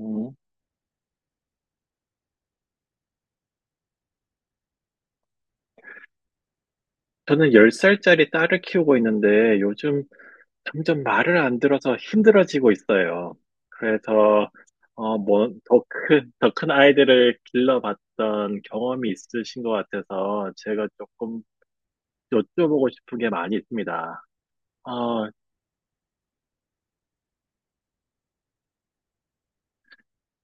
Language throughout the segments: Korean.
음, 저는 10살짜리 딸을 키우고 있는데 요즘 점점 말을 안 들어서 힘들어지고 있어요. 그래서, 더 큰, 더 큰 아이들을 길러봤던 경험이 있으신 것 같아서 제가 조금 여쭤보고 싶은 게 많이 있습니다. 어,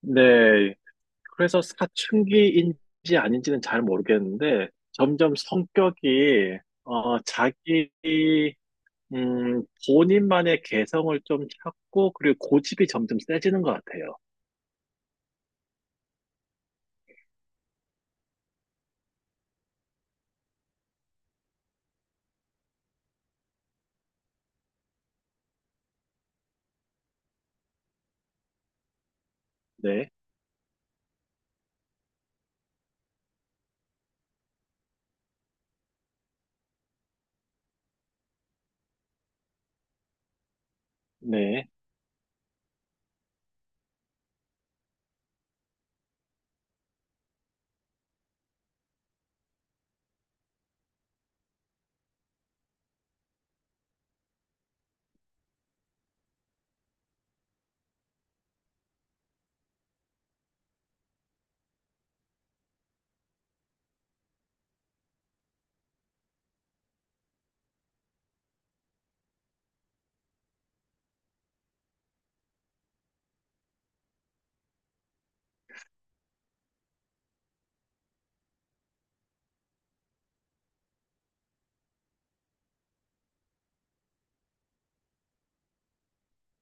네. 그래서 사춘기인지 아닌지는 잘 모르겠는데 점점 성격이, 자기 본인만의 개성을 좀 찾고, 그리고 고집이 점점 세지는 것 같아요. 네, 네.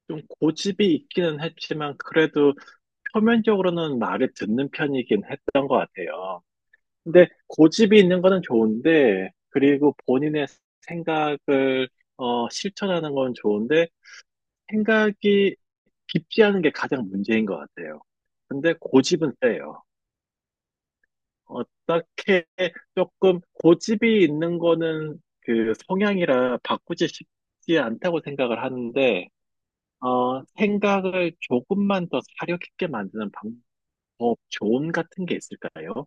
좀 고집이 있기는 했지만, 그래도 표면적으로는 말을 듣는 편이긴 했던 것 같아요. 근데 고집이 있는 거는 좋은데, 그리고 본인의 생각을, 실천하는 건 좋은데, 생각이 깊지 않은 게 가장 문제인 것 같아요. 근데 고집은 세요. 어떻게 조금 고집이 있는 거는 그 성향이라 바꾸지 쉽지 않다고 생각을 하는데, 생각을 조금만 더 사려 깊게 만드는 방법, 조언 같은 게 있을까요?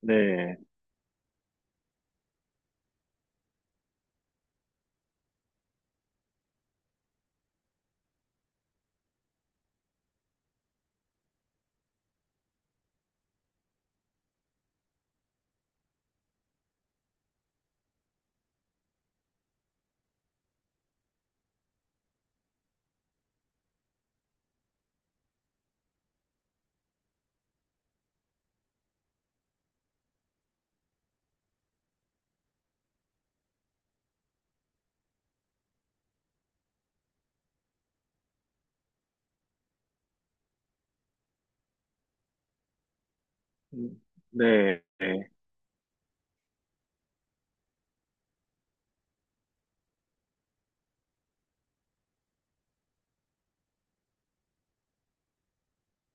네. 음, 네.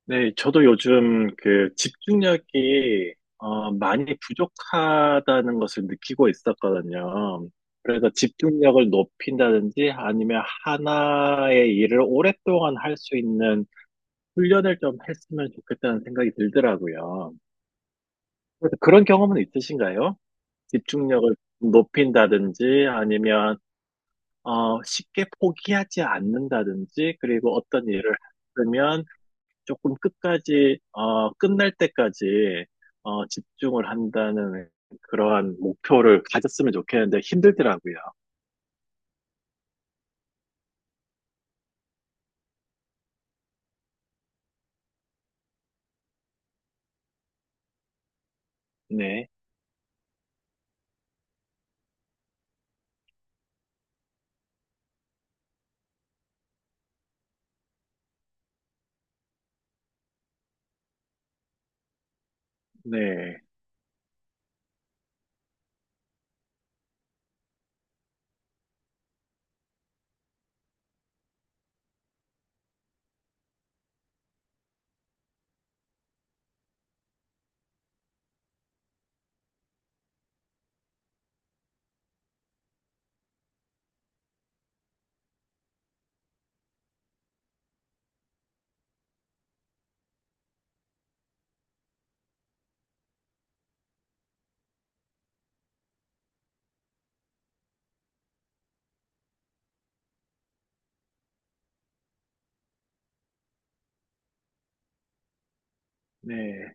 네. 저도 요즘 그 집중력이 많이 부족하다는 것을 느끼고 있었거든요. 그래서 집중력을 높인다든지 아니면 하나의 일을 오랫동안 할 수 있는 훈련을 좀 했으면 좋겠다는 생각이 들더라고요. 그래서 그런 경험은 있으신가요? 집중력을 높인다든지 아니면 쉽게 포기하지 않는다든지 그리고 어떤 일을 하면 조금 끝까지 끝날 때까지 집중을 한다는 그러한 목표를 가졌으면 좋겠는데 힘들더라고요. 네, 네, 네,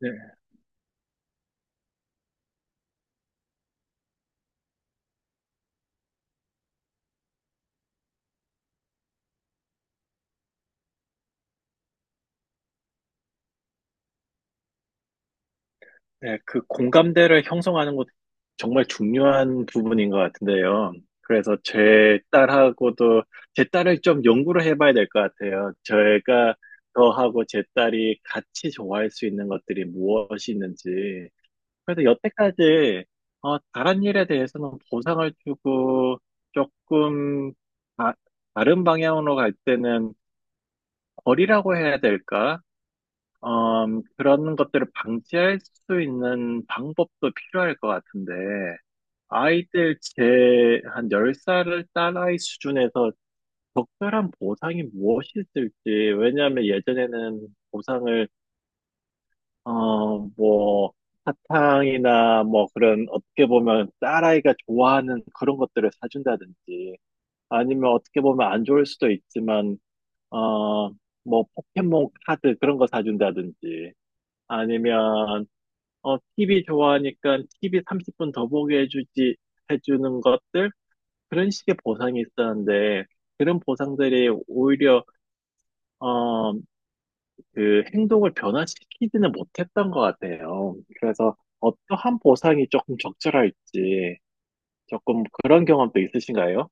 네. 네, 그 공감대를 형성하는 것도 정말 중요한 부분인 것 같은데요. 그래서 제 딸하고도, 제 딸을 좀 연구를 해봐야 될 것 같아요. 제가 저하고 제 딸이 같이 좋아할 수 있는 것들이 무엇이 있는지. 그래서 여태까지, 다른 일에 대해서는 보상을 주고 조금 다, 다른 방향으로 갈 때는 벌이라고 해야 될까? 어, 그런 것들을 방지할 수 있는 방법도 필요할 것 같은데, 아이들 제 한 10살을 딸아이 수준에서 적절한 보상이 무엇이 있을지, 왜냐하면 예전에는 보상을, 어, 뭐, 사탕이나 뭐 그런 어떻게 보면 딸아이가 좋아하는 그런 것들을 사준다든지, 아니면 어떻게 보면 안 좋을 수도 있지만, 어, 뭐 포켓몬 카드 그런 거 사준다든지, 아니면 TV 좋아하니까 TV 30분 더 보게 해주지, 해주는 것들? 그런 식의 보상이 있었는데, 그런 보상들이 오히려, 어, 그 행동을 변화시키지는 못했던 것 같아요. 그래서 어떠한 보상이 조금 적절할지, 조금 그런 경험도 있으신가요?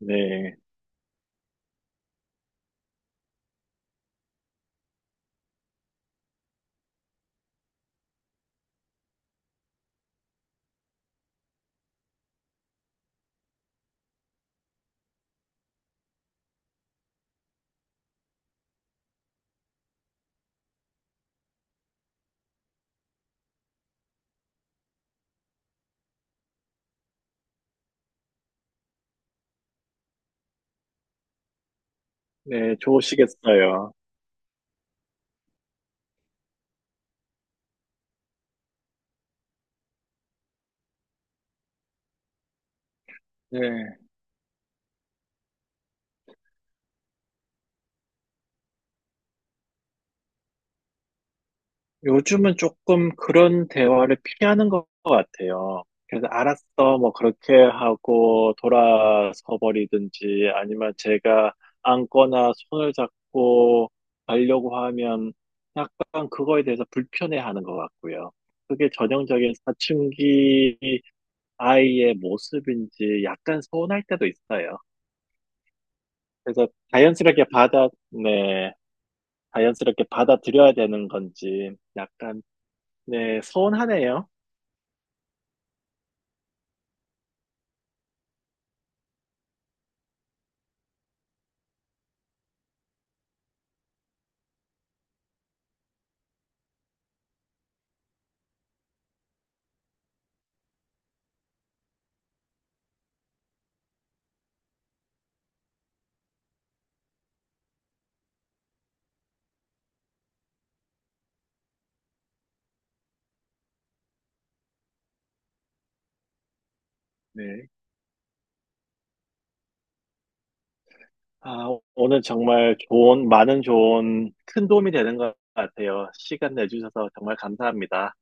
네, 네, 좋으시겠어요. 네. 요즘은 조금 그런 대화를 피하는 것 같아요. 그래서 알았어, 뭐 그렇게 하고 돌아서 버리든지 아니면 제가 안거나 손을 잡고 가려고 하면 약간 그거에 대해서 불편해하는 것 같고요. 그게 전형적인 사춘기 아이의 모습인지 약간 서운할 때도 있어요. 그래서 자연스럽게 받아, 네, 자연스럽게 받아들여야 되는 건지 약간, 네, 서운하네요. 네. 아, 오늘 정말 좋은, 많은 좋은 큰 도움이 되는 것 같아요. 시간 내주셔서 정말 감사합니다.